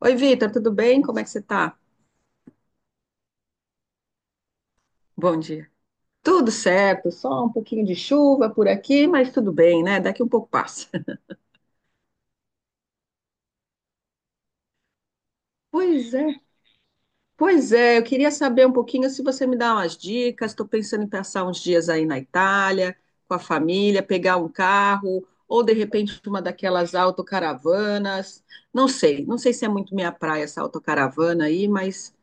Oi, Vitor, tudo bem? Como é que você tá? Bom dia. Tudo certo, só um pouquinho de chuva por aqui, mas tudo bem, né? Daqui um pouco passa. Pois é, pois é. Eu queria saber um pouquinho se você me dá umas dicas. Estou pensando em passar uns dias aí na Itália, com a família, pegar um carro, ou de repente uma daquelas autocaravanas. Não sei, não sei se é muito minha praia essa autocaravana aí, mas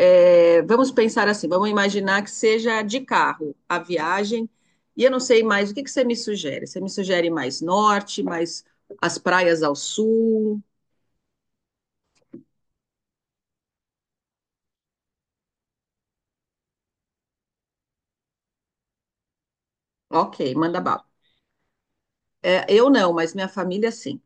é, vamos pensar assim, vamos imaginar que seja de carro a viagem, e eu não sei mais, o que que você me sugere? Você me sugere mais norte, mais as praias ao sul? Ok, manda bala. É, eu não, mas minha família sim.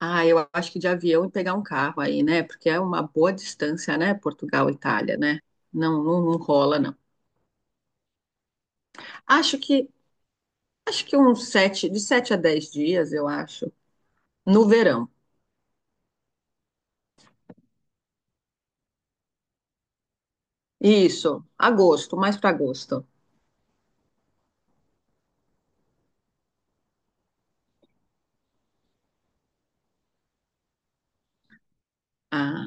Ah, eu acho que de avião e pegar um carro aí, né? Porque é uma boa distância, né? Portugal, Itália, né? Não, não, não rola, não. Acho que acho que uns sete, de sete a dez dias, eu acho, no verão. Isso, agosto, mais para agosto. Ah,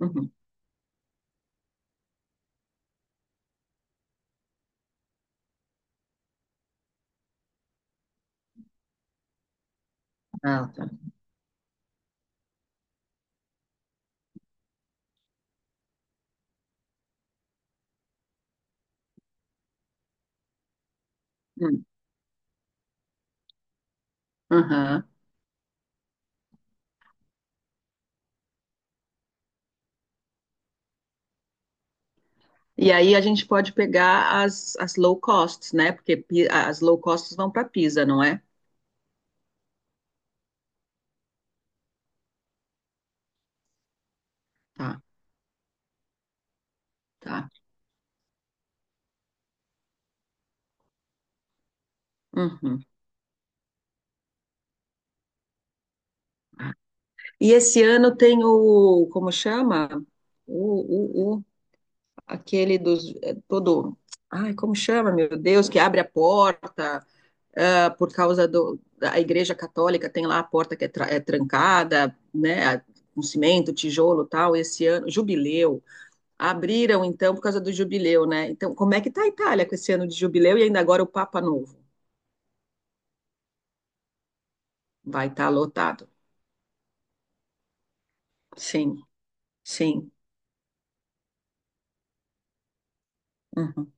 uhum. Ah, tá. Hum, aham. E aí a gente pode pegar as, as low costs, né? Porque Pi- as low costs vão para Pisa, não é? Tá, tá. Uhum. E esse ano tem o, como chama? O aquele dos, é, todo, ai, como chama, meu Deus, que abre a porta, ah, por causa do, da Igreja Católica tem lá a porta que é, tra- é trancada, né? Com cimento, tijolo, tal, esse ano, jubileu, abriram então por causa do jubileu, né? Então, como é que está a Itália com esse ano de jubileu e ainda agora o Papa Novo? Vai estar lotado. Sim, sim. Uhum,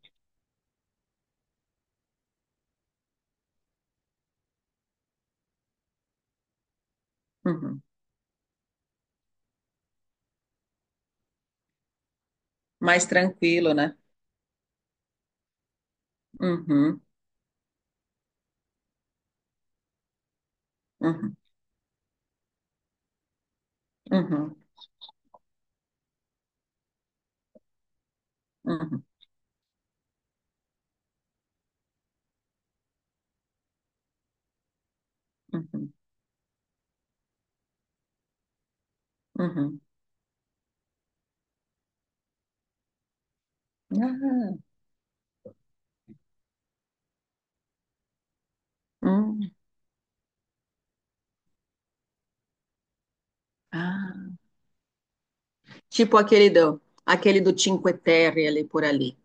uhum. Mais tranquilo, né? Uhum, uhum, uhum, uhum, uhum, uhum. Ah, hum, ah. Tipo aquele do Cinque Terre ali por ali.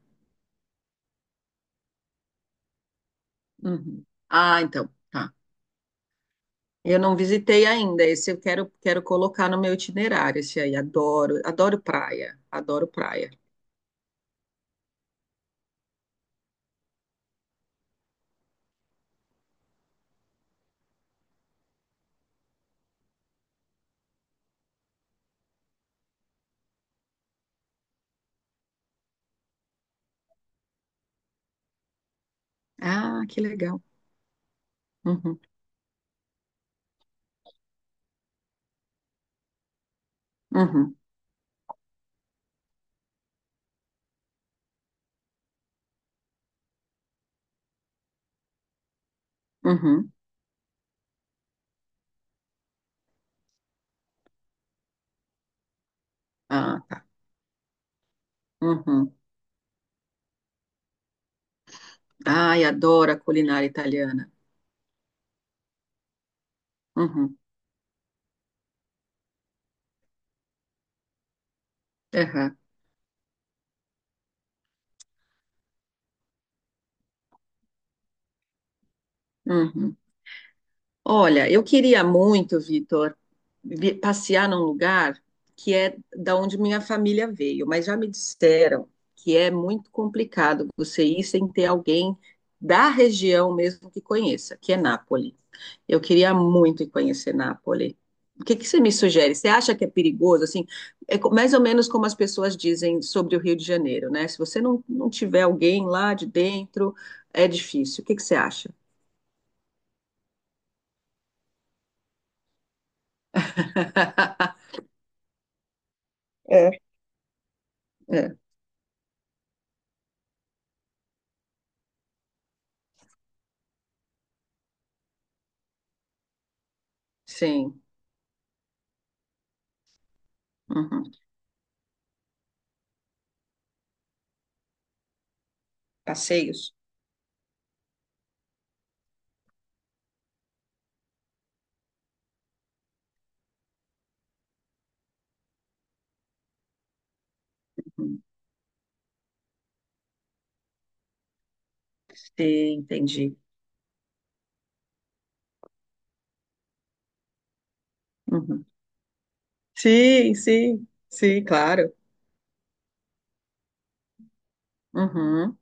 Uhum. Ah, então, tá. Eu não visitei ainda. Esse eu quero, quero colocar no meu itinerário, esse aí. Adoro, adoro praia, adoro praia. Ah, que legal. Uhum, uhum, uhum. Ah, tá. Uhum. Ai, adoro a culinária italiana. Uhum, aham, uhum. Olha, eu queria muito, Vitor, vi- passear num lugar que é da onde minha família veio, mas já me disseram que é muito complicado você ir sem ter alguém da região mesmo que conheça, que é Nápoles. Eu queria muito ir conhecer Nápoles. O que que você me sugere? Você acha que é perigoso? Assim, é co- mais ou menos como as pessoas dizem sobre o Rio de Janeiro, né? Se você não, não tiver alguém lá de dentro, é difícil. O que que você acha? É. É, sim. Uhum. Passeios? Uhum. Sim, entendi. Uhum. Sim, sim, sim, claro. Uhum.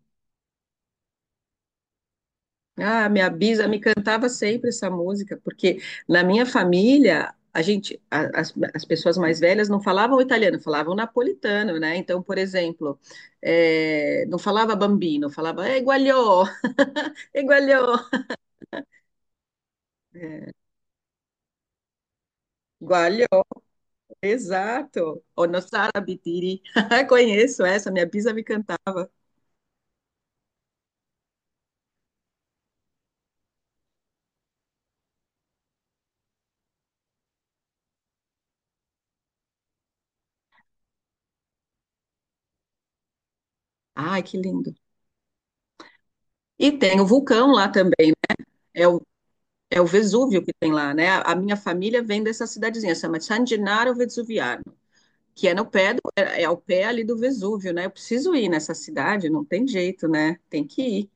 Ah, minha bisa me cantava sempre essa música, porque na minha família, a gente, a- as pessoas mais velhas não falavam italiano, falavam napolitano, né? Então, por exemplo, não falava bambino, falava guagliò, guagliò, é, guagliò, exato. O nosso arabitiri. Conheço essa, minha bisa me cantava. Ai, que lindo. E tem o vulcão lá também, é o é o Vesúvio que tem lá, né? A minha família vem dessa cidadezinha, chama San Gennaro Vesuviano. Que é no pé do, é ao pé ali do Vesúvio, né? Eu preciso ir nessa cidade, não tem jeito, né? Tem que ir.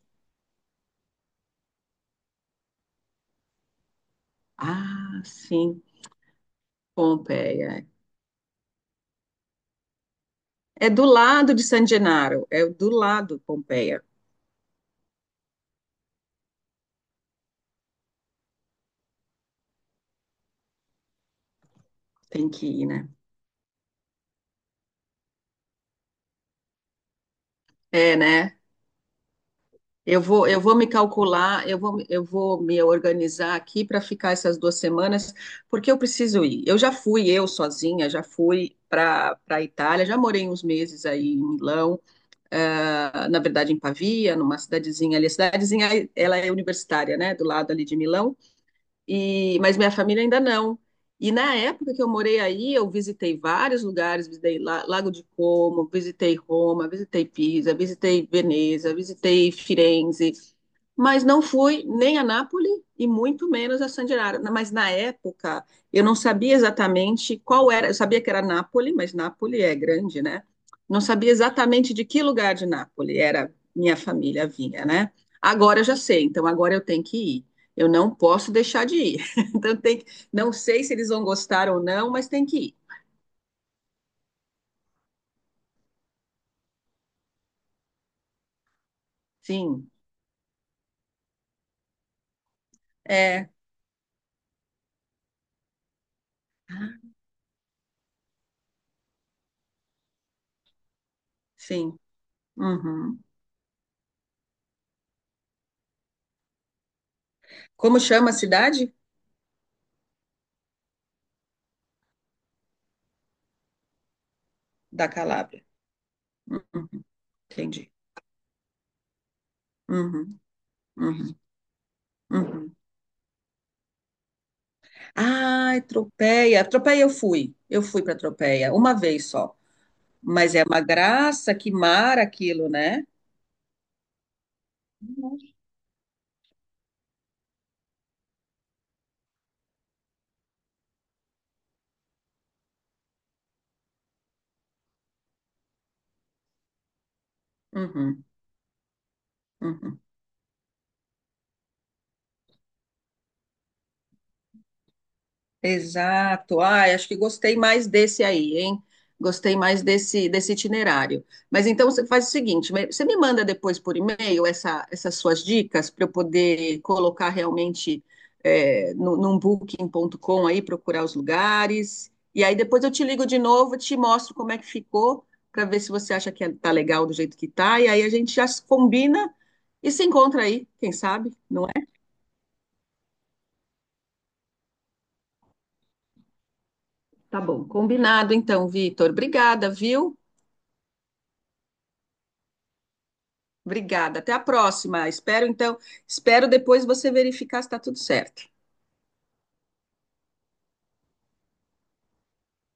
Ah, sim, Pompeia. É do lado de San Gennaro, é do lado Pompeia. Tem que ir, né? É, né? Eu vou me calcular, eu vou me organizar aqui para ficar essas duas semanas, porque eu preciso ir. Eu já fui, eu sozinha, já fui para Itália, já morei uns meses aí em Milão. Na verdade em Pavia, numa cidadezinha ali. A cidadezinha, ela é universitária, né, do lado ali de Milão, e, mas minha família ainda não. E na época que eu morei aí, eu visitei vários lugares, visitei La- Lago de Como, visitei Roma, visitei Pisa, visitei Veneza, visitei Firenze, mas não fui nem a Nápoles e muito menos a San Gennaro. Mas na época eu não sabia exatamente qual era, eu sabia que era Nápoles, mas Nápoles é grande, né? Não sabia exatamente de que lugar de Nápoles era minha família vinha, né? Agora eu já sei, então agora eu tenho que ir. Eu não posso deixar de ir. Então tem que, não sei se eles vão gostar ou não, mas tem que ir. Sim, é, sim. Uhum. Como chama a cidade? Da Calábria. Uhum, entendi. Uhum, uhum. Uhum. Ai, Tropeia. Tropeia eu fui. Eu fui para Tropeia uma vez só. Mas é uma graça, que mar aquilo, né? Uhum, uhum. Exato. Ah, acho que gostei mais desse aí, hein? Gostei mais desse, desse itinerário. Mas então você faz o seguinte, me- você me manda depois por e-mail essa, essas suas dicas para eu poder colocar realmente é, no, num booking.com aí, procurar os lugares. E aí depois eu te ligo de novo, te mostro como é que ficou, para ver se você acha que é- tá legal do jeito que tá. E aí a gente já se combina e se encontra aí, quem sabe, não é? Tá bom, combinado então, Vitor. Obrigada, viu? Obrigada. Até a próxima. Espero, então, espero depois você verificar se está tudo certo.